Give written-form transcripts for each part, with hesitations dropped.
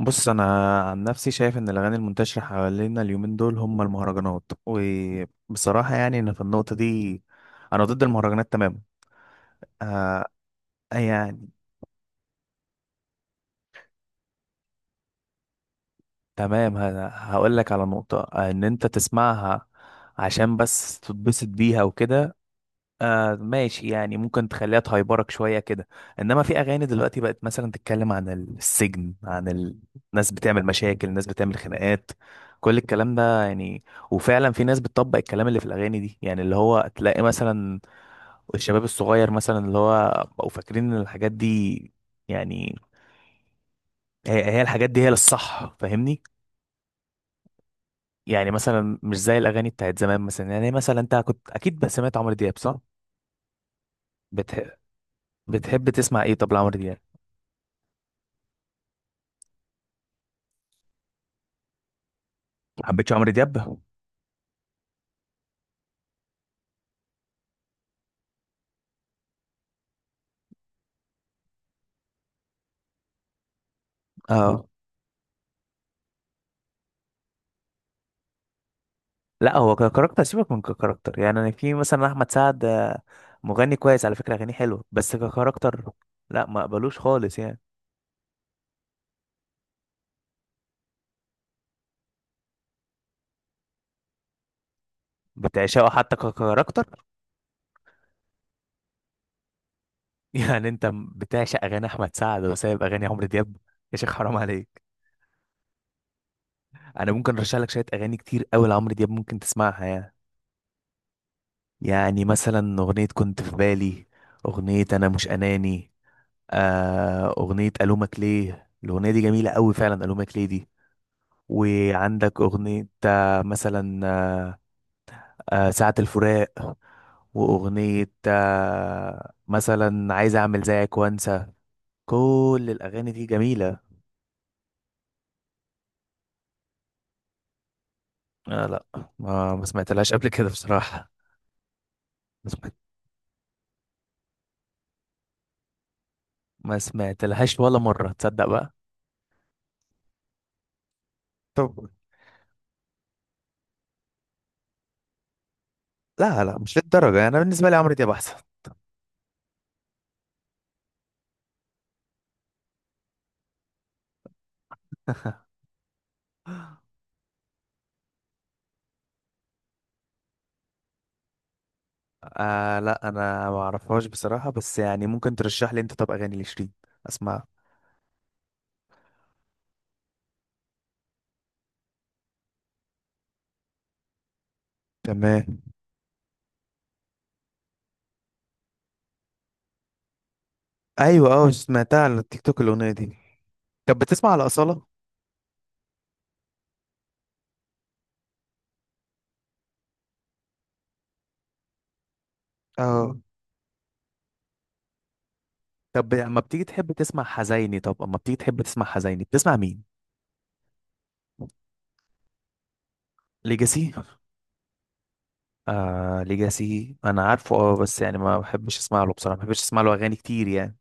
بص، انا عن نفسي شايف ان الاغاني المنتشره حوالينا اليومين دول هم المهرجانات. وبصراحه، انا في النقطه دي انا ضد المهرجانات تماما. آه. يعني تمام. هقول لك على نقطه، ان انت تسمعها عشان بس تتبسط بيها وكده. آه، ماشي. يعني ممكن تخليها تهيبرك شوية كده. انما في اغاني دلوقتي بقت مثلا تتكلم عن السجن، عن الناس بتعمل مشاكل، الناس بتعمل خناقات، كل الكلام ده يعني. وفعلا في ناس بتطبق الكلام اللي في الاغاني دي، يعني اللي هو تلاقي مثلا الشباب الصغير مثلا اللي هو بقوا فاكرين ان الحاجات دي يعني هي هي الحاجات دي هي للصح. فاهمني؟ يعني مثلا مش زي الاغاني بتاعت زمان. مثلا يعني مثلا انت كنت اكيد بس سمعت عمرو دياب، صح؟ بتح... بتحب تسمع ايه طب لعمرو دياب؟ ما حبيتش عمرو دياب؟ اه، لا هو ككاركتر، سيبك من ككاركتر. يعني أنا في مثلا احمد سعد، آه، مغني كويس على فكره، اغانيه حلوه، بس ككاركتر لا، ما اقبلوش خالص يعني. بتعشقه حتى ككاركتر؟ يعني انت بتعشق اغاني احمد سعد وسايب اغاني عمرو دياب؟ يا شيخ حرام عليك. انا ممكن ارشح لك شويه اغاني كتير قوي لعمرو دياب ممكن تسمعها يعني. يعني مثلا اغنيه كنت في بالي، اغنيه انا مش اناني، آه اغنيه الومك ليه، الاغنيه دي جميله قوي فعلا الومك ليه دي. وعندك أغنية، آه، مثلا آه، ساعة الفراق. وأغنية، آه، مثلا عايز أعمل زيك وأنسى. كل الأغاني دي جميلة. آه لا، ما سمعتلهاش قبل كده بصراحة. ما سمعت- ما سمعتلهاش ولا مرة، تصدق بقى؟ طب لا لا، مش للدرجة، أنا بالنسبة لي عمرو دياب أحسن. آه لا، أنا ما أعرفهاش بصراحة، بس يعني ممكن ترشح لي أنت طب أغاني لشيرين أسمعها. تمام. أيوة، أه سمعتها على التيك توك الأغنية دي. طب بتسمع على أصالة؟ اه. طب اما بتيجي تحب تسمع حزيني، طب اما بتيجي تحب تسمع حزيني بتسمع مين؟ ليجاسي؟ آه ليجاسي انا عارفه، اه، بس يعني ما بحبش اسمع له بصراحه، ما بحبش اسمع له اغاني كتير يعني.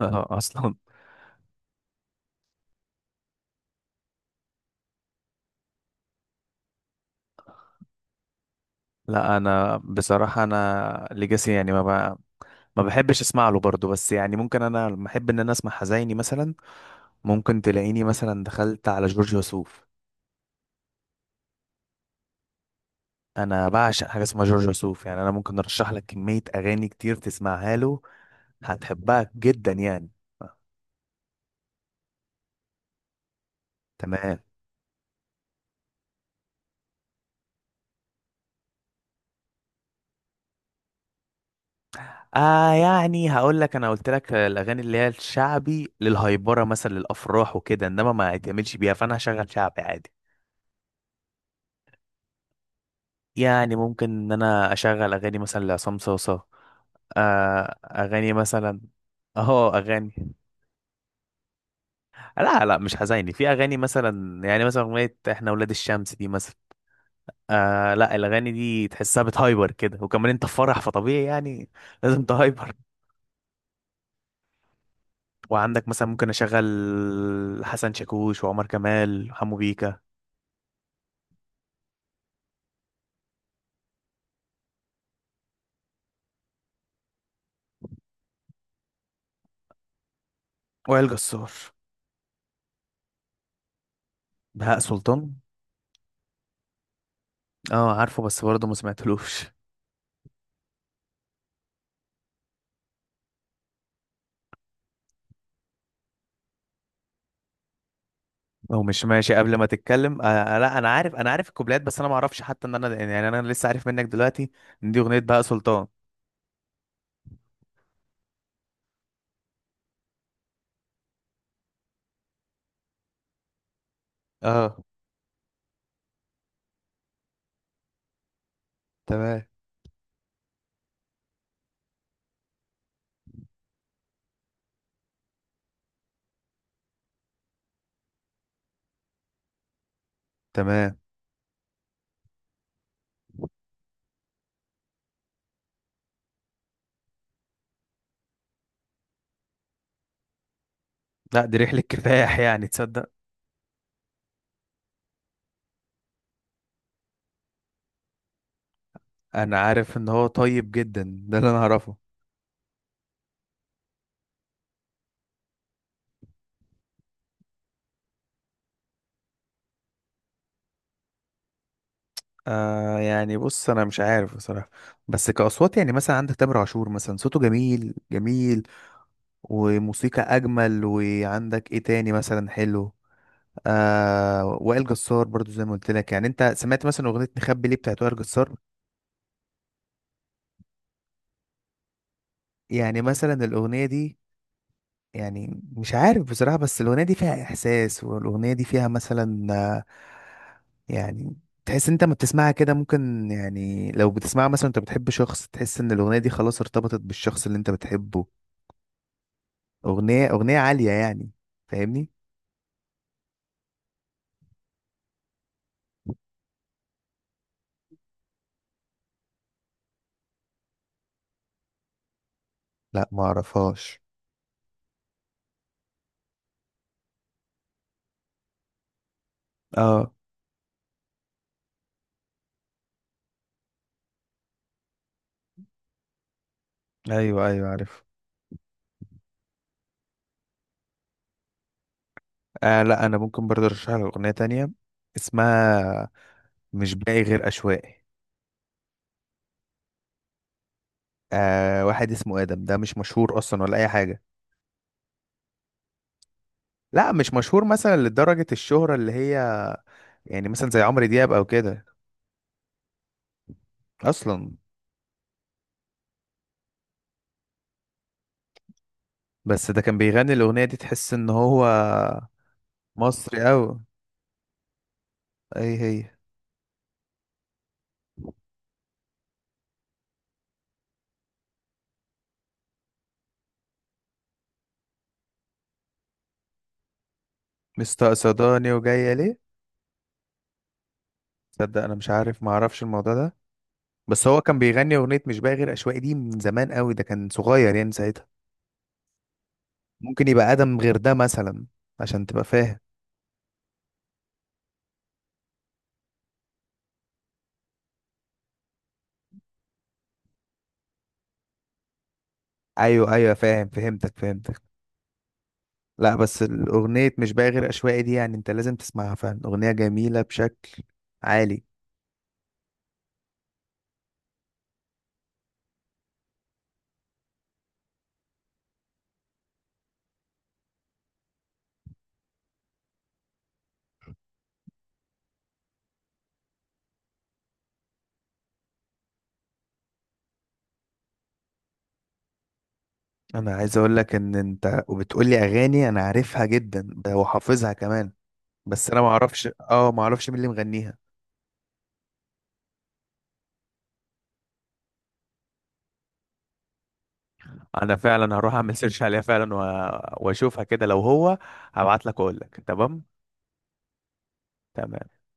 اه، اصلا. لا انا بصراحه انا ليجاسي يعني ب... ما بحبش اسمع له برضه، بس يعني ممكن انا لما احب ان انا اسمع حزيني مثلا، ممكن تلاقيني مثلا دخلت على جورج وسوف. انا بعشق حاجه اسمها جورج وسوف يعني. انا ممكن ارشح لك كميه اغاني كتير تسمعها له، هتحبها جدا يعني. تمام. آه يعني هقول لك، انا قلت لك الاغاني اللي هي الشعبي للهيبره مثلا للافراح وكده انما ما يتعملش بيها، فانا هشغل شعبي عادي. يعني ممكن ان انا اشغل اغاني مثلا لعصام صوصه، آه اغاني مثلا. اهو اغاني. لا لا، مش حزيني، في اغاني مثلا يعني مثلا اغنيه احنا ولاد الشمس دي مثلا. آه لا، الاغاني دي تحسها بتهايبر كده، وكمان انت في فرح فطبيعي يعني لازم تهايبر. وعندك مثلا ممكن اشغل حسن شاكوش وعمر كمال وحمو بيكا. وائل جسار. بهاء سلطان؟ اه عارفه، بس برضه ما سمعتلوش. لو مش ماشي قبل ما تتكلم، آه لا انا عارف، انا عارف الكوبلات، بس انا ما اعرفش حتى ان انا يعني انا لسه عارف منك دلوقتي ان دي اغنيه بهاء سلطان. اه. تمام تمام. لا دي رحله كفاح يعني تصدق. انا عارف ان هو طيب جدا، ده اللي انا اعرفه. آه يعني بص انا مش عارف بصراحه، بس كاصوات يعني مثلا عندك تامر عاشور مثلا صوته جميل جميل وموسيقى اجمل. وعندك ايه تاني مثلا حلو؟ آه وائل جسار برضو زي ما قلت لك. يعني انت سمعت مثلا اغنيه نخبي ليه بتاعت وائل جسار؟ يعني مثلا الاغنيه دي يعني مش عارف بصراحة، بس الأغنية دي فيها إحساس، والأغنية دي فيها مثلا، آه، يعني تحس انت ما بتسمعها كده ممكن يعني لو بتسمعها مثلا انت بتحب شخص تحس ان الأغنية دي خلاص ارتبطت بالشخص اللي انت بتحبه. أغنية أغنية عالية يعني. فاهمني؟ لا ما اعرفهاش. اه. ايوه ايوه عارف. آه لا، انا ممكن برضه ارشح لك أغنية تانية، اسمها مش باقي غير أشواقي. آه واحد اسمه آدم، ده مش مشهور أصلا ولا أي حاجة. لا مش مشهور مثلا لدرجة الشهرة اللي هي، يعني مثلا زي عمرو دياب او كده. اصلا؟ بس ده كان بيغني الاغنية دي تحس ان هو مصري اوي. اي هي؟ مستقصداني وجاية ليه. تصدق انا مش عارف، معرفش الموضوع ده، بس هو كان بيغني اغنية مش باقي غير اشواقي دي من زمان اوي، ده كان صغير يعني ساعتها. ممكن يبقى ادم غير ده مثلا، عشان تبقى فاهم. ايوه ايوه فاهم، فهمتك فهمتك. لا بس الاغنية مش باقي غير اشواقي دي يعني انت لازم تسمعها فعلا، اغنية جميلة بشكل عالي. انا عايز اقول لك ان انت وبتقول لي اغاني انا عارفها جدا ده وحافظها كمان، بس انا ما اعرفش، اه ما اعرفش مين اللي مغنيها. انا فعلا هروح اعمل سيرش عليها فعلا واشوفها كده، لو هو هبعت لك واقول لك. تمام. تمام.